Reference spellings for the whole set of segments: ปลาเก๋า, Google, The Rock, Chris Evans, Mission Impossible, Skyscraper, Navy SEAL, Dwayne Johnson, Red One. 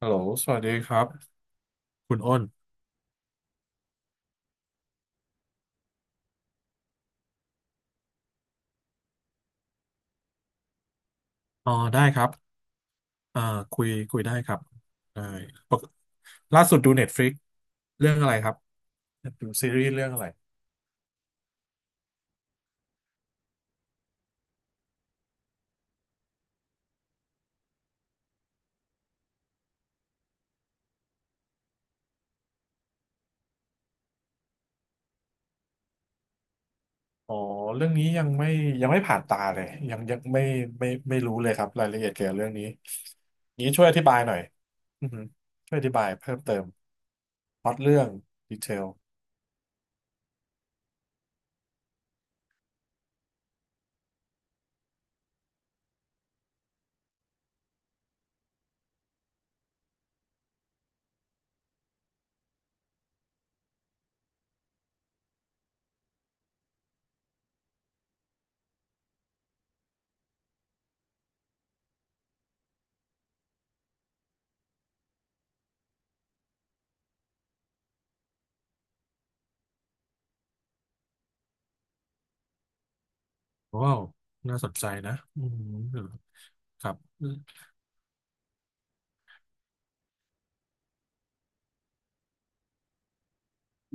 ฮัลโหลสวัสดีครับ คุณอ้นอ๋อได้ครับอ่าคุยได้ครับได้ปกล่าสุดดู Netflix เรื่องอะไรครับดูซีรีส์เรื่องอะไรอ๋อเรื่องนี้ยังไม่ผ่านตาเลยยังไม่รู้เลยครับรายละเอียดเกี่ยวกับเรื่องนี้ช่วยอธิบายหน่อยอือฮึช่วยอธิบายเพิ่มเติมพล็อตเรื่องดีเทลว้าวน่าสนใจนะอืมครับ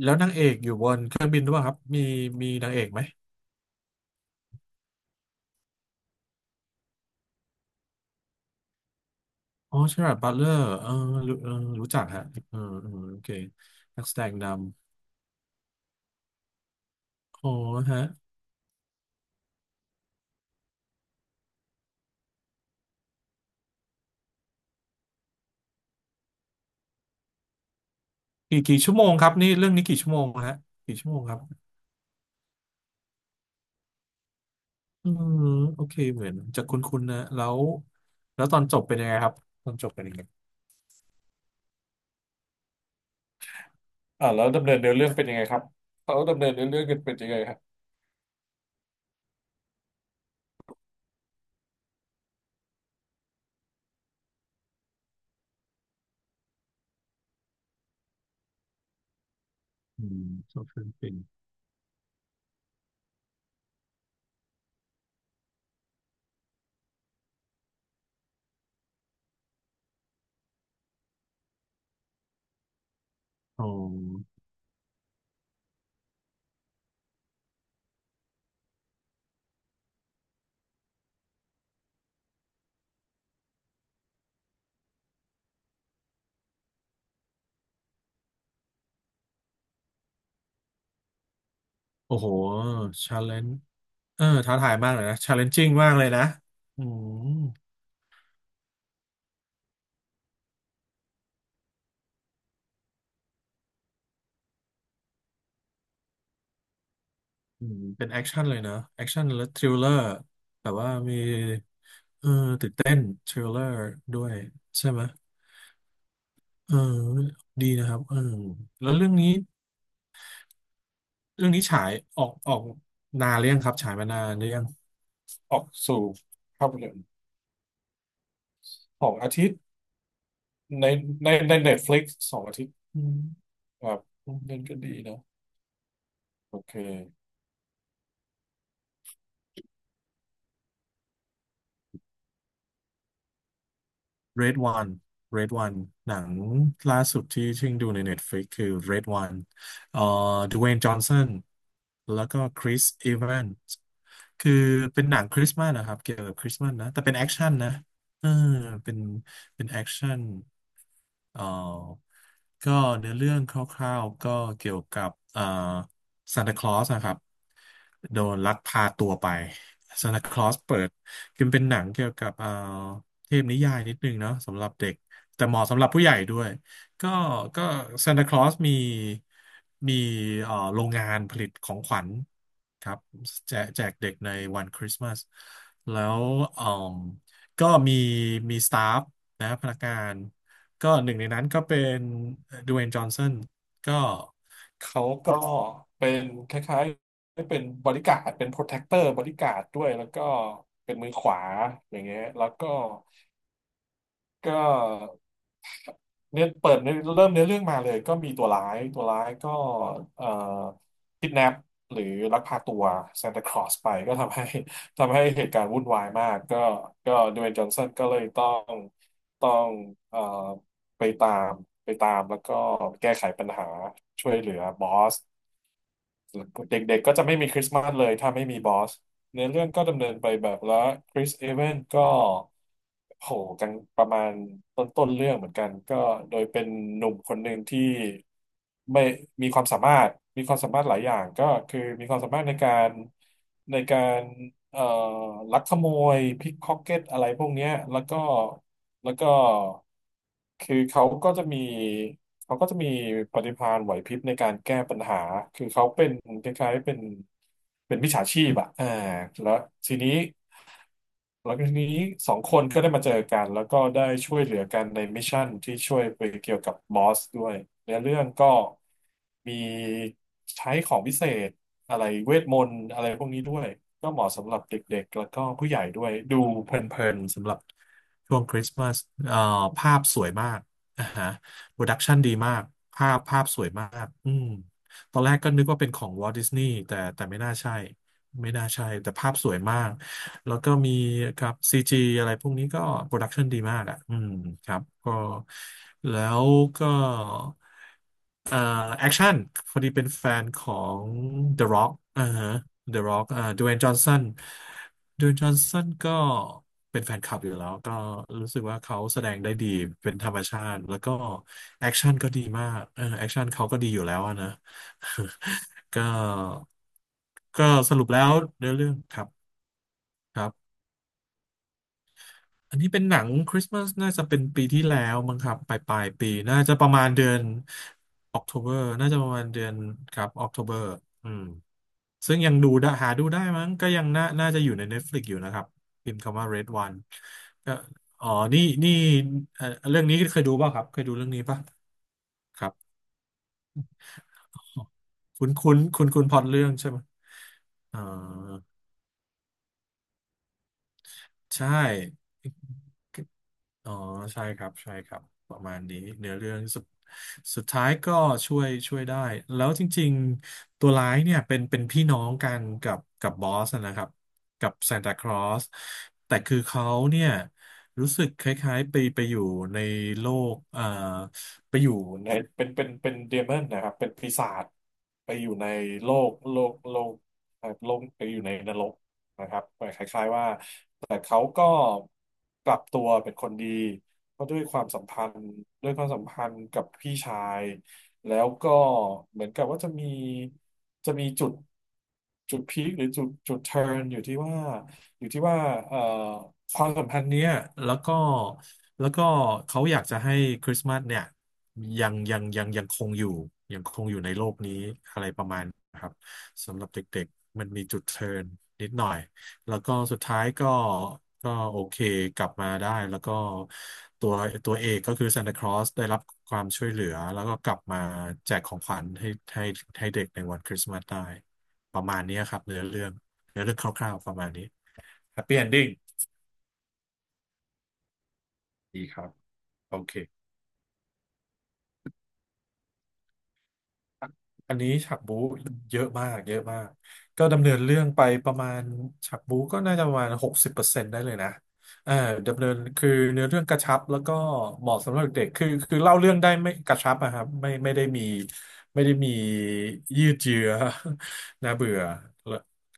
แล้วนางเอกอยู่บนเครื่องบินด้วยครับมีนางเอกไหม อ๋อเชอราร์ดบัตเลอร์เออรู้จักฮะเออเออโอเคนักแสดงนำอ๋อฮะกี่ชั่วโมงครับนี่เรื่องนี้กี่ชั่วโมงฮะกี่ชั่วโมงครับอืมโอเคเหมือนจะคุ้นๆนะแล้วตอนจบเป็นยังไงครับตอนจบเป็นยังไงแล้วดำเนินเนื้อเรื่องเป็นยังไงครับเขาดำเนินเนื้อเรื่องกันเป็นยังไงครับอืมชอบฟิลิปปินอ๋อโอ้โหชาเลนจ์เออท้าทายมากเลยนะชาเลนจิ้งมากเลยนะอืม อืมเป็นแอคชั่นเลยนะแอคชั่นและทริลเลอร์แบบว่ามีเออตื่นเต้นทริลเลอร์ด้วยใช่ไหมเออดีนะครับเออแล้วเรื่องนี้ฉายออกนานหรือยังครับฉายมานานหรือยังออกสู่ภาพยนตร์สองอาทิตย์ในในเน็ตฟลิกสองอาทิตย์อืมครับเล่นก็ดีนะโอเค Red One Red One หนังล่าสุดที่ชิ่งดูใน Netflix คือ Red One เอ่อดเวย์นจอห์นสันแล้วก็คริสอีแวนส์คือเป็นหนังคริสต์มาสนะครับ เกี่ยวกับคริสต์มาสนะ แต่เป็นแอคชั่นนะเออเป็นเป็นแอคชั่นเอ่อก็เนื้อเรื่องคร่าวๆก็เกี่ยวกับซานตาคลอสนะครับโดนลักพาตัวไปซานตาคลอสเปิด คือมันเป็นหนังเกี่ยวกับเทพนิยายนิดนึงเนาะสำหรับเด็กแต่เหมาะสำหรับผู้ใหญ่ด้วยก็ก็ซานตาคลอสมีโรงงานผลิตของขวัญครับแจกแจกเด็กในวันคริสต์มาสแล้วเอ่อก็มีสตาฟนะพนักงานก็หนึ่งในนั้นก็เป็นด w เ y n e จอห์นสันก็เขาก็เป็นคล้ายๆ ได้เป็นบริการดเป็นโปรเทคเตอร์บริการดด้วยแล้วก็เป็นมือขวาอย่างเงี้ยแล้วก็เนี่ยเปิดเนื้อเริ่มเนื้อเรื่องมาเลยก็มีตัวร้ายตัวร้ายก็เอ่อคิดแนปหรือลักพาตัวซานตาคลอสไปก็ทำให้ ทำให้เหตุการณ์วุ่นวายมากก็ก็ดเวย์จอห์นสันก็เลยต้องเอ่อไปตามไปตามแล้วก็แก้ไขปัญหาช่วยเหลือบอส เด็กๆ ก็จะไม่มีคริสต์มาสเลยถ้าไม่มีบอสเนื้อเรื่องก็ดำเนินไปแบบแล้วคริสเอเวนก็โหกันประมาณต้นเรื่องเหมือนกันก็โดยเป็นหนุ่มคนหนึ่งที่ไม่มีความสามารถมีความสามารถหลายอย่างก็คือมีความสามารถในการเอ่อลักขโมยพิกพ็อกเก็ตอะไรพวกเนี้ยแล้วก็แล้วก็คือเขาก็จะมีปฏิภาณไหวพริบในการแก้ปัญหา คือเขาเป็นคล้ายๆเป็นมิจฉาชีพอะอ่าแล้วทีนี้แล้วทีนี้สองคนก็ได้มาเจอกันแล้วก็ได้ช่วยเหลือกันในมิชชั่นที่ช่วยไปเกี่ยวกับบอสด้วยเนื้อเรื่องก็มีใช้ของพิเศษอะไรเวทมนต์อะไรพวกนี้ด้วย ก็เหมาะสำหรับเด็กๆแล้วก็ผู้ใหญ่ด้วยดูเพลินๆสำหรับากอ่าฮะโปรดักชันดีมาก ภาพสวยมากอืมตอนแรกก็นึกว่าเป็นของวอล t ์ดิสนีย์แต่ไม่น่าใช่ ไม่น่าใช่แต่ภาพสวยมากแล้วก็มีครับซีจีอะไรพวกนี้ก็โปรดักชันดีมากอ่ะอืมครับก็แล้วก็เอ่อแอคชั่นพอดีเป็นแฟนของ The Rock อ่าฮะ The Rock อ่าดเวนจอห์นสันดเวนจอห์นสันก็เป็นแฟนคลับอยู่แล้วก็รู้สึกว่าเขาแสดงได้ดีเป็นธรรมชาติแล้วก็แอคชั่นก็ดีมากเออแอคชั่นเขาก็ดีอยู่แล้วอะนะ ก็ก็สรุปแล้วเนื้อเรื่องครับครับ อันนี้เป็นหนังคริสต์มาสน่าจะเป็นปีที่แล้วมั้งครับปลายปีน่าจะประมาณเดือนออก Octoberน่าจะประมาณเดือนครับออกโทเบอร์อืมซึ่งยังดูได้หาดูได้มั้งก็ยังน่าจะอยู่ใน Netflix อยู่นะครับพิมพ์คำว่า Red One ก็อ๋อนี่นี่เอ่อเรื่องนี้เคยดูป่ะครับเคยดูเรื่องนี้ป่ะครับคุ้นคุ้นคุ้นคุ้นพล็อตเรื่องใช่ไหมอ่าใช่ อ๋อใช่ครับประมาณนี้เนื้อเรื่องสุดสุดท้ายก็ช่วยได้แล้วจริงๆตัวร้ายเนี่ยเป็นพี่น้องกันกับบอสนะครับกับซานตาคลอสแต่คือเขาเนี่ยรู้สึกคล้ายๆไปอยู่ในโลกไปอยู่ในเป็นเดมอนนะครับเป็นปีศาจไปอยู่ในโลกโลกไปอยู่ในนรกนะครับคล้ายๆว่า แต่เขาก็กลับตัวเป็นคนดีเพราะด้วยความสัมพันธ์ด้วยความสัมพันธ์กับพี่ชายแล้วก็เหมือนกับว่าจะมีจุดพีคหรือจุดเทิร์นอยู่ที่ว่าอยู่ที่ว่าเอ่อความสัมพันธ์เนี้ยแล้วก็แล้วก็เขาอยากจะให้คริสต์มาสเนี่ยยังคงอยู่ในโลกนี้อะไรประมาณนะครับสำหรับเด็กๆมันมีจุดเทิร์นนิดหน่อย แล้วก็สุดท้ายก็ก็โอเคกลับมาได้แล้วก็ตัวตัวเอกก็คือซานตาคลอสได้รับความช่วยเหลือแล้วก็กลับมาแจกของขวัญให้ให้เด็กในวันคริสต์มาสได้ประมาณเนี้ยครับเนื้อเรื่องเนื้อเรื่องคร่าวๆประมาณนี้แฮปปี้เอนดิ้งดีครับโอเค อันนี้ฉากบู๊เยอะมากก็ดำเนินเรื่องไปประมาณฉากบู๊ก็น่าจะประมาณ60%ได้เลยนะเออดำเนินคือเนื้อเรื่องกระชับแล้วก็เหมาะสำหรับเด็กคือเล่าเรื่องได้ไม่กระชับอะครับไม่ได้มีไม่ได้มียืดเยื้อ น่าเบื่อ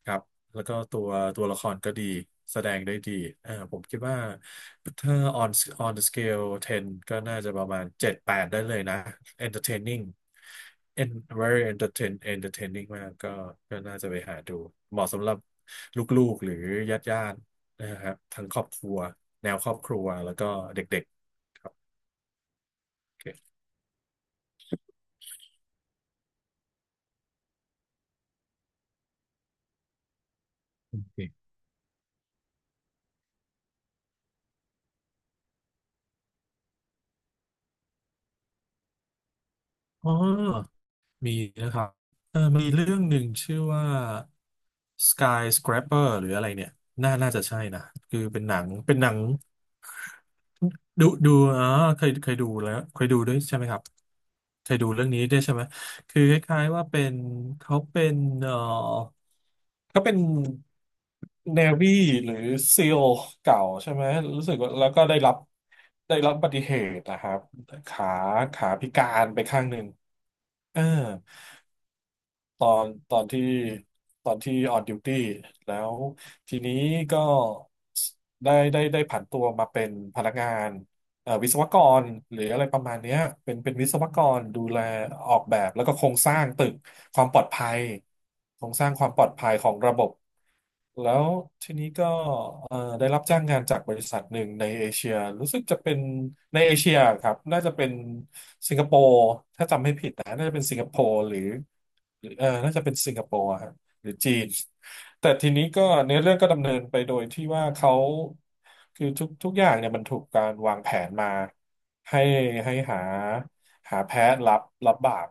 ครับแล้วก็ตัวตัวละครก็ดีแสดงได้ดีอ่าผมคิดว่าถ้า on on the scale 10 ก็น่าจะประมาณ7 8ได้เลยนะ entertaining and very entertaining มากก็ก็น่าจะไปหาดูเหมาะสำหรับลูกๆหรือญาติๆนะครับทั้งครอบครัวแนวครอบครัวแล้วก็เด็กๆครับโอโอเคอ๋อ มีนะครับเออมีเรื่องหนึ่งชื่อว่า Skyscraper หรืออะไรเนี่ยน่าน่าจะใช่นะคือเป็นหนังดูดูอ๋อเคยเคยดูแล้วเคยดูด้วยใช่ไหมครับเคยดูเรื่องนี้ด้วยใช่ไหมคือคล้ายๆว่าเป็นเขาเป็นเออเขาเป็น Navy หรือ SEAL เก่าใช่ไหมรู้สึกว่าแล้วก็ได้รับได้รับอุบัติเหตุนะครับขาขาพิการไปข้างหนึ่งเออ ตอนตอนที่ตอนที่ออนดิวตี้แล้วทีนี้ก็ได้ผันตัวมาเป็นพนักงานวิศวกรหรืออะไรประมาณเนี้ยเป็นวิศวกรดูแลออกแบบแล้วก็โครงสร้างตึกความปลอดภัยโครงสร้างความปลอดภัยของระบบแล้วทีนี้ก็ได้รับจ้างงานจากบริษัทหนึ่งในเอเชียรู้สึกจะเป็นในเอเชียครับน่าจะเป็นสิงคโปร์ นะน่าจะเป็นสิงคโปร์หรือหรือเออน่าจะเป็นสิงคโปร์อะฮะหรือจีนแต่ทีนี้ก็เนื้อเรื่องก็ดำเนินไปโดยที่ว่าเขาคือทุกอย่างเนี่ยมันถูกการวางแผนมาให้หาแพ้รับบาป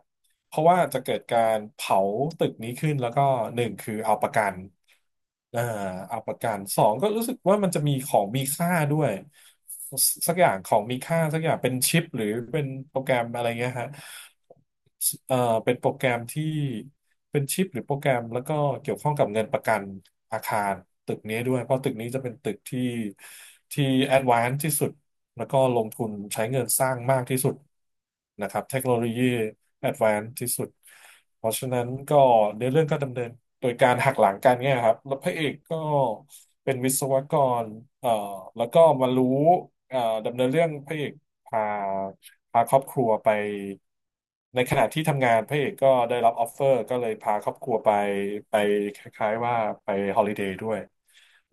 เพราะว่าจะเกิดการเผาตึกนี้ขึ้นแล้วก็หนึ่งคือเอาประกันอ่าเอาประกันสองก็รู้สึกว่ามันจะมีของมีค่าด้วย สักอย่างของมีค่าสักอย่างเป็นชิปหรือเป็นโปรแกรมอะไรเงี้ยฮะ เอ่อเป็นโปรแกรมที่เป็นชิปหรือโปรแกรมแล้วก็เกี่ยวข้องกับเงินประกันอาคารตึกนี้ด้วยเพราะตึกนี้จะเป็นตึกที่ที่แอดวานซ์ที่สุดแล้วก็ลงทุนใช้เงินสร้างมากที่สุดนะครับเทคโนโลยีแอดวานซ์ที่สุดเพราะฉะนั้นก็ในเรื่องก็ดำเนินโดยการหักหลังกันเนี่ยครับแล้วพระเอกก็เป็นวิศวกรเอ่อแล้วก็มารู้เอ่อดำเนินเรื่องพระเอก พาพาครอบครัวไปในขณะที่ทำงานพระเอกก็ได้รับออฟเฟอร์ก็เลยพาครอบครัวไปไปคล้ายๆว่าไปฮอลิเดย์ด้วย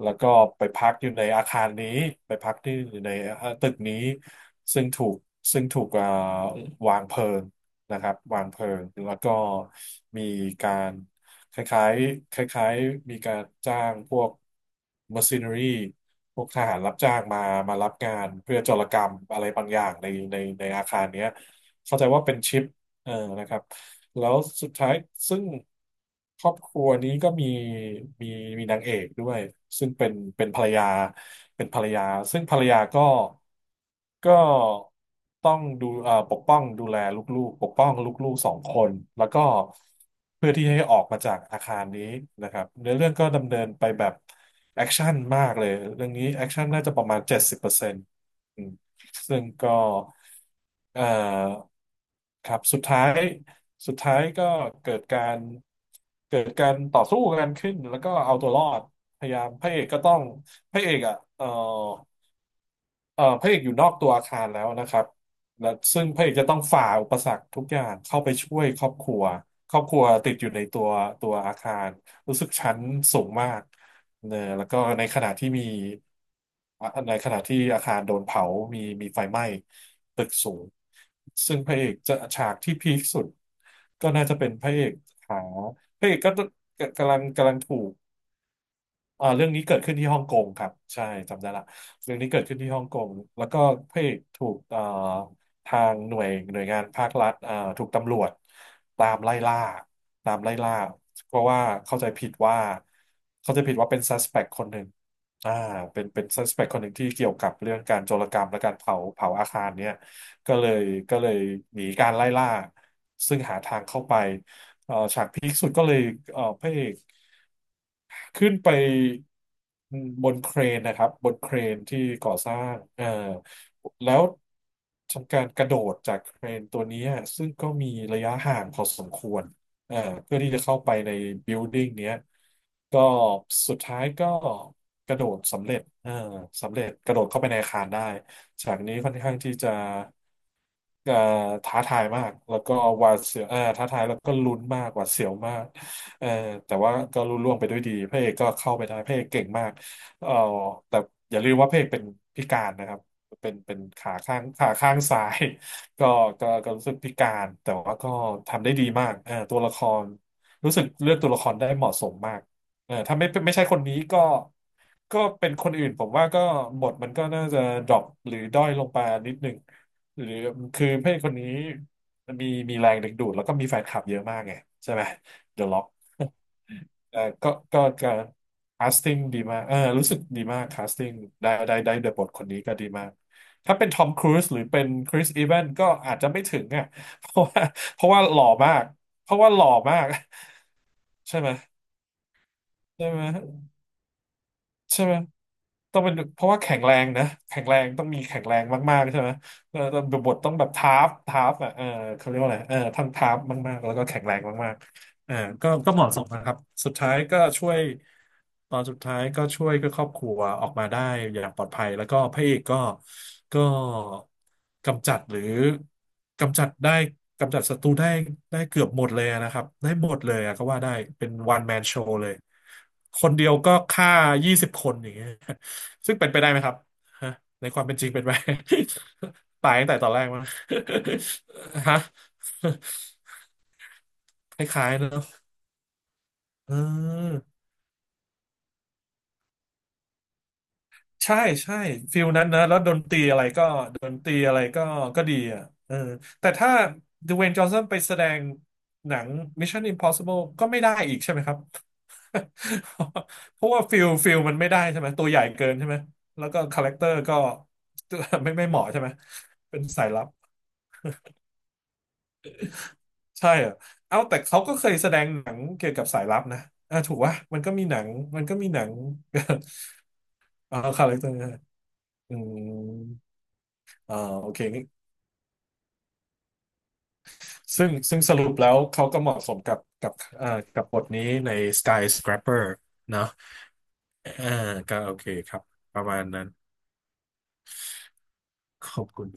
แล้วก็ไปพักอยู่ในอาคารนี้ไปพักที่อยู่ในตึกนี้ซึ่งถูกซึ่งถูกวางเพลิงนะครับวางเพลิงแล้วก็มีการคล้ายๆคล้ายๆมีการจ้างพวก mercenary พวกทหารรับจ้างมามารับงานเพื่อโจรกรรมอะไรบางอย่างในในอาคารเนี้ยเข้าใจว่าเป็นชิป เออนะครับแล้วสุดท้ายซึ่งครอบครัวนี้ก็มีมีนางเอกด้วยซึ่งเป็นภรรยาเป็นภรรยาซึ่งภรรยาก็ก็ต้องดูปกป้องดูแลลูกๆปกป้องลูกๆ 2 คนแล้วก็เพื่อที่ให้ออกมาจากอาคารนี้นะครับเนื้อเรื่องก็ดำเนินไปแบบแอคชั่นมากเลยเรื่องนี้แอคชั่นน่าจะประมาณ70% ซึ่งก็เอ่อครับ สุดท้ายก็เกิดการเกิดการต่อสู้กันขึ้น แล้วก็เอาตัวรอด พยายามพระเอกก็ต้องพระเอกอ่ะเอ่อ เอ่อพระเอกอยู่นอกตัวอาคารแล้วนะครับและซึ่งพระเอกจะต้องฝ่าอุปสรรคทุกอย่างเข้าไปช่วยครอบครัวครอบครัวติดอยู่ในตัวอาคารรู้สึกชั้นสูงมากเนอะแล้วก็ในขณะที่อาคารโดนเผามีไฟไหม้ตึกสูงซึ่งพระเอกจะฉากที่พีคสุดก็น่าจะเป็นพระเอกหาพระเอกก็กำลังถูก เรื่องนี้เกิดขึ้นที่ฮ่องกงครับใช่จำได้ละเรื่องนี้เกิดขึ้นที่ฮ่องกงแล้วก็พระเอกถูกทางหน่วยงานภาครัฐถูกตำรวจตามไล่ล่าตามไล่ล่าเพราะว่าเข้าใจผิดว่าเข้าใจผิดว่าเป็น suspect คนหนึ่งอ่าเป็นsuspect คนหนึ่งที่เกี่ยวกับเรื่องการโจรกรรมและการเผาอาคารเนี่ยก็เลยก็เลยหนีการไล่ล่าซึ่งหาทางเข้าไปฉากพีคสุดก็เลยพระเอก ขึ้นไปบนเครนที่ก่อสร้างแล้วทำการกระโดดจากเครนตัวนี้ซึ่งก็มีระยะห่างพอสมควรเอ่อเพื่อที่จะเข้าไปในบิลดิ้งเนี้ยก็สุดท้ายก็กระโดดสำเร็จกระโดดเข้าไปในอาคารได้ฉากนี้ค่อนข้างที่จะเอ่อท้าทายมากแล้วก็หวาดเสียวท้าทายแล้วก็ลุ้นมากหวาดเสียวมาก เออแต่ว่าก็รุ่ล่วงไปด้วยดีพระเอกก็เข้าไปได้พระเอกเก่งมากเออแต่อย่าลืมว่าพระเอกเป็นพิการนะครับเป็นขาข้างซ้าย ก็ก็ก็รู้สึกพิการแต่ว่าก็ทำได้ดีมากเออตัวละครรู้สึกเลือกตัวละครได้เหมาะสมมากเออถ้าไม่ใช่คนนี้ก็ก็เป็นคนอื่นผมว่าก็บทมันก็น่าจะดรอปหรือด้อยลงไปนิดหนึ่งหรือคือพระเอกคนนี้มีแรงดึงดูดแล้วก็มีแฟนคลับเยอะมากไงใช่ไหม The Rock เออก็คาสติ้งดีมากเออรู้สึกดีมากคาสติ้งได้เดอะบทคนนี้ก็ดีมาก ถ้าเป็นทอมครูซหรือเป็นคริสอีแวนก็อาจจะไม่ถึงอ่ะ เพราะว่าเพราะว่าหล่อมากเพราะว่าหล่อมาก ใช่ไหมใช่ไหมใช่ไหมต้องเป็นเพราะว่าแข็งแรงนะแข็งแรงต้องมีแข็งแรงมากๆใช่ไหมแล้วบทต้องแบบทาร์ฟอ่ะเออเขาเรียกว่าอะไรเออทั้งทาร์ฟมากๆแล้วก็แข็งแรงมาก อ่าก็เหมาะสมนะครับสุดท้ายก็ช่วยตอนสุดท้ายก็ช่วยก็ครอบครัวออกมาได้อย่างปลอดภัยแล้วก็พระเอกก็ก็กำจัดหรือกำจัดได้กำจัดศัตรูได้ได้เกือบหมดเลยนะครับได้หมดเลยอะก็ว่าได้เป็นวันแมนโชว์เลยคนเดียวก็ฆ่า20 คนอย่างเงี้ยซึ่งเป็นไปได้ไหมครับฮะในความเป็นจริงเป็นไป ตายตั้งแต่ตอนแรกมั้ง ฮะคล้ายๆเนอะเออ ใช่ใช่ฟิลนั้นนะแล้วดนตรีอะไรก็ดนตรีอะไรก็ก็ดีอ่ะเออแต่ถ้าดเวย์นจอห์นสันไปแสดงหนัง Mission Impossible ก็ไม่ได้อีกใช่ไหมครับ เพราะว่าฟิลมันไม่ได้ใช่ไหมตัวใหญ่เกินใช่ไหมแล้วก็คาแรคเตอร์ก็ ไม่เหมาะใช่ไหมเป็นสายลับใช่เหรอเอาแต่เขาก็เคยแสดงหนังเกี่ยวกับสายลับนะอ่ะถูกวะมันก็มีหนัง เอ่าคาแรคเตอร์อืมอ่าโอเค ซึ่งสรุปแล้วเขาก็เหมาะสมกับกับบทนี้ใน Skyscraper เนอะเออก็โอเคครับประมาณนั้นขอบคุณ